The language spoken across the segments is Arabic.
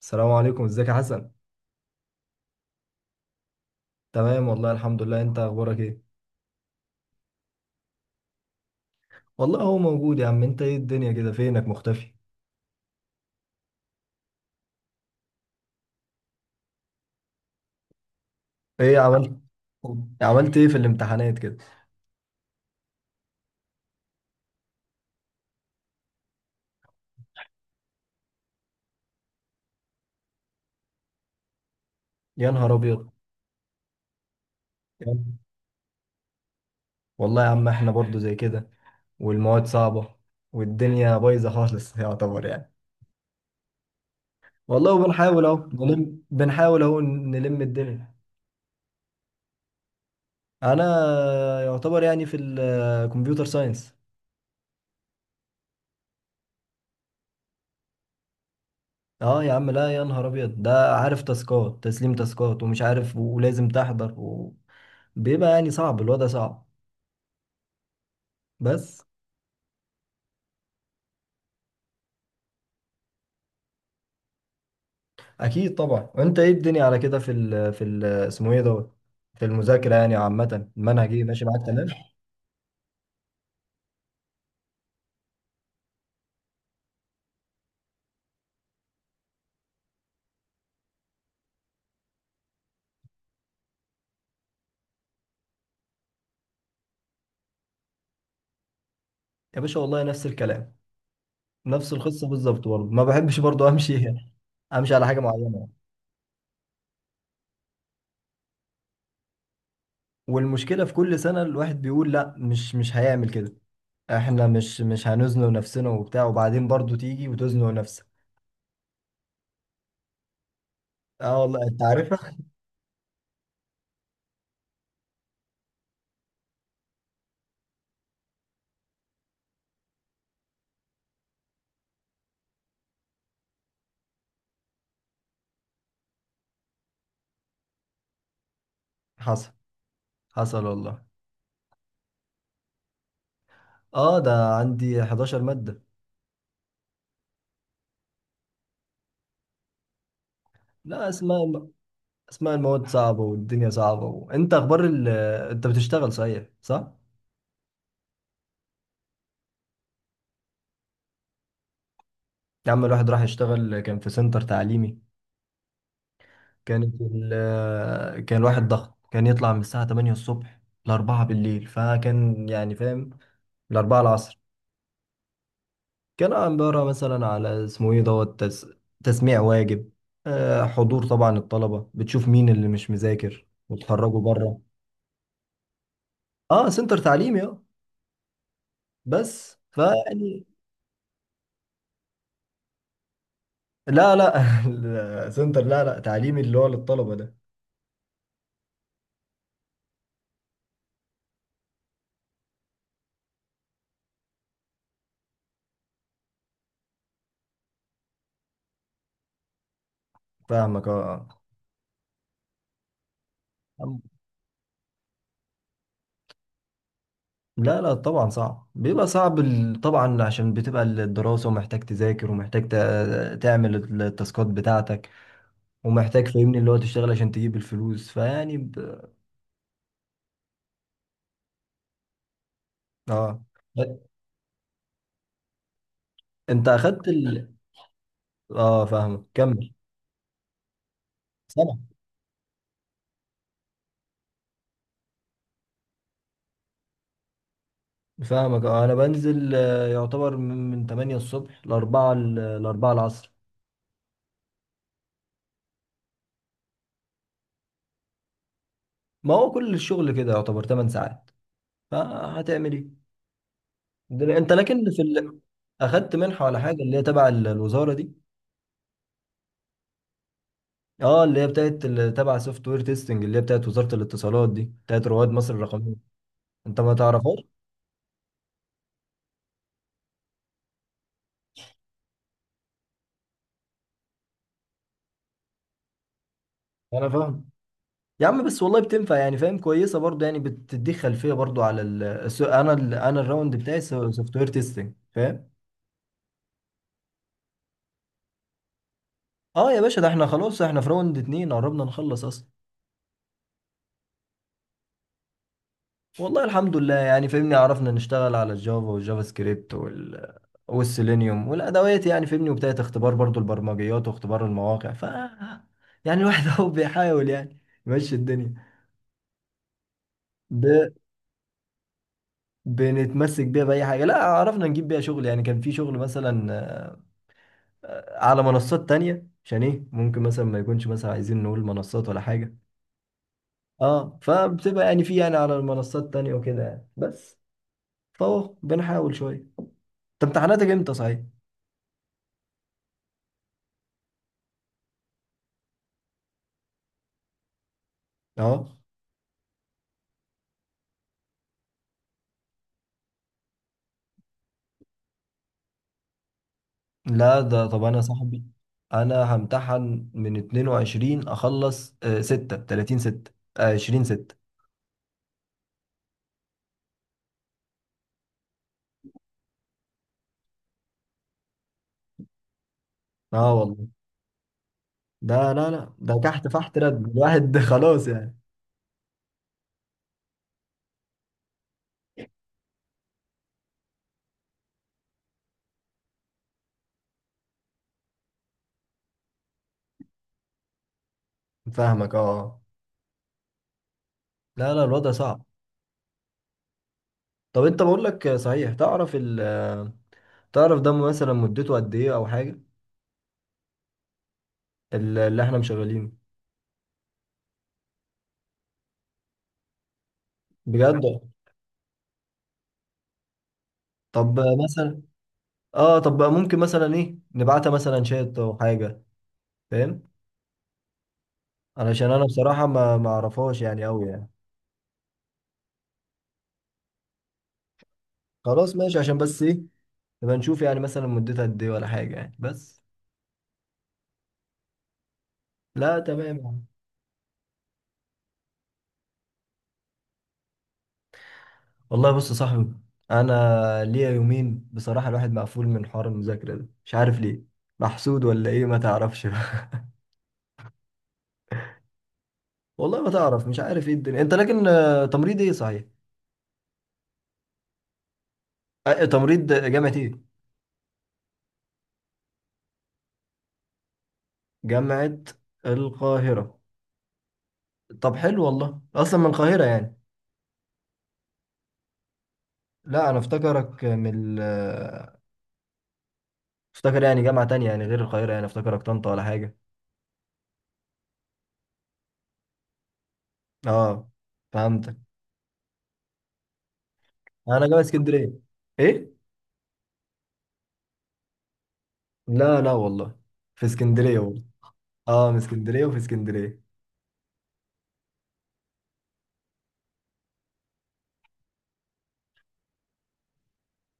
السلام عليكم، ازيك يا حسن؟ تمام، والله الحمد لله. انت اخبارك ايه؟ والله هو موجود يا عم. انت ايه الدنيا كده، فينك مختفي؟ ايه عملت؟ عملت ايه في الامتحانات كده؟ يا نهار ابيض. يا نهار- والله يا عم احنا برضو زي كده. والمواد صعبة، والدنيا بايظة خالص يعتبر يعني. والله، وبنحاول اهو نلم، الدنيا. انا، يعتبر يعني في الكمبيوتر ساينس. اه يا عم، لا، يا نهار ابيض، ده عارف، تاسكات، تسليم تاسكات، ومش عارف، ولازم تحضر و... بيبقى يعني صعب، الوضع صعب. بس. اكيد طبعا. وانت ايه الدنيا على كده، في ال اسمه ايه دوت؟ في المذاكره يعني عامه، المنهج ايه، ماشي معاك تمام؟ يا باشا والله نفس الكلام. نفس القصه بالظبط، برضه ما بحبش برضه امشي امشي على حاجه معينه. والمشكله في كل سنه الواحد بيقول لا، مش هيعمل كده. احنا مش هنزنق نفسنا وبتاع، وبعدين برضه تيجي وتزنق نفسك. اه والله، انت عارف. حصل. حصل والله. اه، ده عندي 11 مادة. لا، اسماء، اسماء المواد صعبة، والدنيا صعبة. وانت اخبار ال... انت بتشتغل صحيح، صح؟ يا عم الواحد راح يشتغل، كان في سنتر تعليمي. كانت ال... كان الواحد ضغط، كان يطلع من الساعة 8 الصبح ل 4 بالليل، فكان يعني فاهم، ل 4 العصر. كان عبارة مثلا على اسمه ايه دوت تس... تسميع واجب، حضور طبعا الطلبة، بتشوف مين اللي مش مذاكر وتخرجه بره. اه سنتر تعليمي اه. بس فيعني. لا لا السنتر لا لا تعليمي، اللي هو للطلبة ده. فاهمك اه. آه. لا لا طبعا صعب، بيبقى صعب طبعا عشان بتبقى الدراسة، ومحتاج تذاكر، ومحتاج تعمل التاسكات بتاعتك. ومحتاج فاهمني اللي هو تشتغل عشان تجيب الفلوس، فيعني ب... اه. انت اخدت ال... اه فاهمك، كمل. سامع. فاهمك اه، انا بنزل، يعتبر من 8 الصبح، ل 4، العصر. ما هو كل الشغل كده يعتبر 8 ساعات. فهتعمل ايه دلوقتي؟ انت لكن في ال... اخدت منحه ولا حاجه، اللي هي تبع الوزاره دي؟ اه اللي هي بتاعت تبع سوفت وير تيستنج، اللي هي بتاعت وزاره الاتصالات دي، بتاعت رواد مصر الرقميه. انت ما تعرفهاش؟ انا فاهم. يا عم بس والله بتنفع يعني، فاهم. كويسه برضو يعني، بتديك خلفيه برضو على ال... انا ال... انا الراوند بتاعي سوفت وير تيستنج، فاهم. اه يا باشا، ده احنا خلاص، احنا في راوند اتنين، قربنا نخلص اصلا. والله الحمد لله يعني، فاهمني. عرفنا نشتغل على الجافا والجافا سكريبت، وال والسيلينيوم والادوات، يعني فاهمني، وبدايه اختبار برضو البرمجيات واختبار المواقع، ف يعني الواحد اهو بيحاول يعني يمشي الدنيا. ب... بنتمسك بيها باي حاجه. لا، عرفنا نجيب بيها شغل يعني، كان في شغل مثلا على منصات تانية، عشان ايه ممكن مثلا ما يكونش، مثلا عايزين نقول منصات ولا حاجه. اه، فبتبقى يعني، في يعني، على المنصات تانية وكده يعني، بس. فهو بنحاول شويه. انت امتحاناتك امتى، صحيح؟ اه. لا ده، طب انا صاحبي، انا همتحن من 22، اخلص 6 30 6، 20 6. اه والله. ده لا لا، ده تحت فحت، رد الواحد خلاص يعني. فاهمك اه. لا لا الوضع صعب. طب انت بقول لك، صحيح، تعرف ال آه، تعرف ده مثلا مدته قد ايه او حاجه، اللي احنا مشغلينه؟ بجد. طب مثلا. اه طب ممكن مثلا ايه نبعتها مثلا شات او حاجه؟ فاهم. علشان انا بصراحه ما اعرفهاش يعني قوي يعني. خلاص ماشي، عشان بس ايه، نبقى نشوف يعني مثلا مدتها قد ايه ولا حاجة يعني، بس. لا تمام يعني. والله بص يا صاحبي، انا ليا يومين بصراحة الواحد مقفول من حوار المذاكرة ده، مش عارف ليه، محسود ولا ايه ما تعرفش بقى. والله ما تعرف، مش عارف ايه الدنيا. انت لكن تمريض، ايه صحيح؟ تمريض جامعة ايه؟ جامعة القاهرة. طب حلو. والله اصلا من القاهرة يعني؟ لا انا افتكرك من افتكر يعني جامعة تانية يعني غير القاهرة، يعني افتكرك طنطا ولا حاجة. اه فهمت. انا جاي اسكندريه. ايه؟ لا لا والله، في اسكندريه والله. اه من اسكندريه وفي اسكندريه.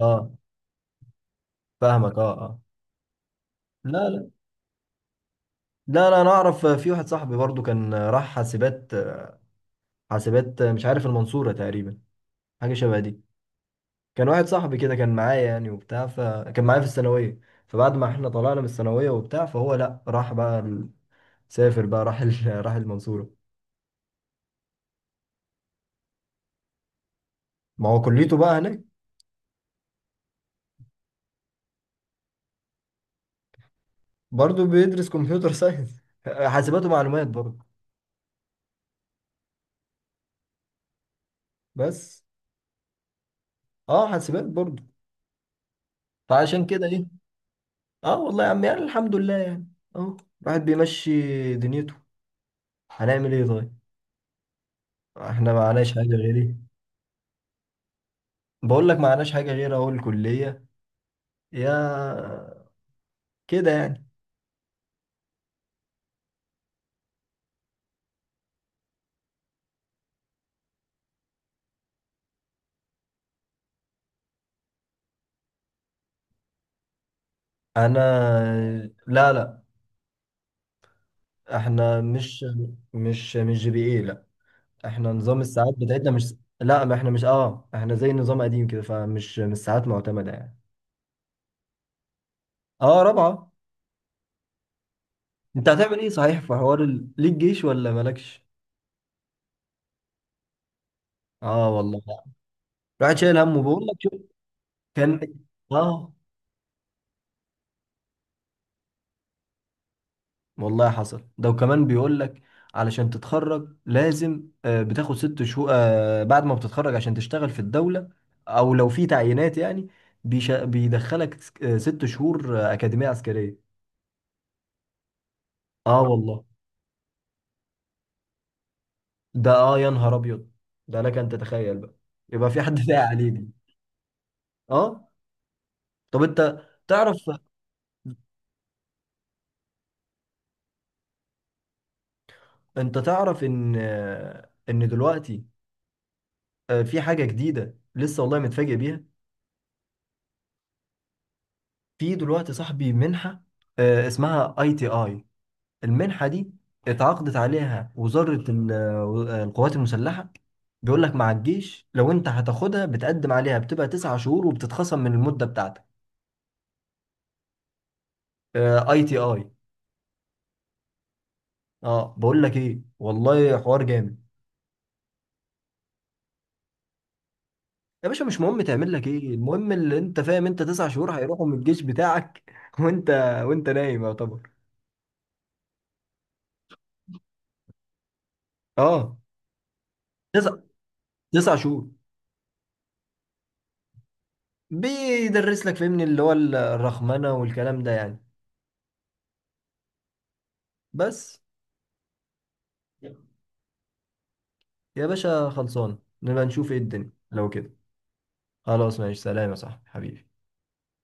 اه فاهمك اه اه. لا لا. لا لا، انا اعرف في واحد صاحبي برضو كان راح حاسبات. حاسبات، مش عارف، المنصوره تقريبا، حاجه شبه دي. كان واحد صاحبي كده، كان معايا يعني وبتاع، فكان معايا في الثانويه. فبعد ما احنا طلعنا من الثانويه وبتاع، فهو لا، سافر بقى، راح المنصوره. ما هو كليته بقى هناك. برضو بيدرس كمبيوتر ساينس حاسبات ومعلومات برضو بس. اه حاسبات برضه. فعشان كده ايه. اه والله يا عم يعني، الحمد لله يعني. اه الواحد بيمشي دنيته. هنعمل ايه طيب؟ احنا معناش حاجه غير ايه. بقول لك معناش حاجه غير اهو الكليه. يا، كده يعني. انا. لا لا. احنا مش، مش جي بي ايه لا. احنا نظام الساعات بتاعتنا مش. لا، ما احنا مش، اه احنا زي نظام قديم كده، فمش مش ساعات معتمده يعني. اه رابعه. انت هتعمل ايه، صحيح، في حوار ال... ليك جيش ولا مالكش؟ اه والله، الواحد شايل همه، بيقول لك شوف. كان. اه. والله حصل. ده وكمان بيقول لك علشان تتخرج لازم بتاخد ست شهور بعد ما بتتخرج عشان تشتغل في الدولة، او لو في تعيينات يعني. بيدخلك ست شهور أكاديمية عسكرية. اه والله، ده اه يا نهار ابيض، ده لك ان تتخيل بقى. يبقى في حد ساعة عليك؟ اه طب انت تعرف، انت تعرف ان دلوقتي في حاجة جديدة لسه، والله متفاجئ بيها. في دلوقتي صاحبي منحة، اسمها اي تي اي. المنحة دي اتعاقدت عليها وزارة القوات المسلحة. بيقول لك مع الجيش، لو انت هتاخدها، بتقدم عليها بتبقى تسع شهور وبتتخصم من المدة بتاعتك. اي تي اي. اه بقول لك ايه، والله حوار جامد. يا باشا مش مهم تعمل لك ايه، المهم اللي انت فاهم، انت تسع شهور هيروحوا من الجيش بتاعك وانت، وانت نايم يعتبر. اه. تسع تسع شهور. بيدرس لك فهمني اللي هو الرخمنة والكلام ده يعني، بس. يا باشا خلصان، نبقى نشوف ايه الدنيا لو كده. خلاص ماشي، سلام يا صاحبي حبيبي.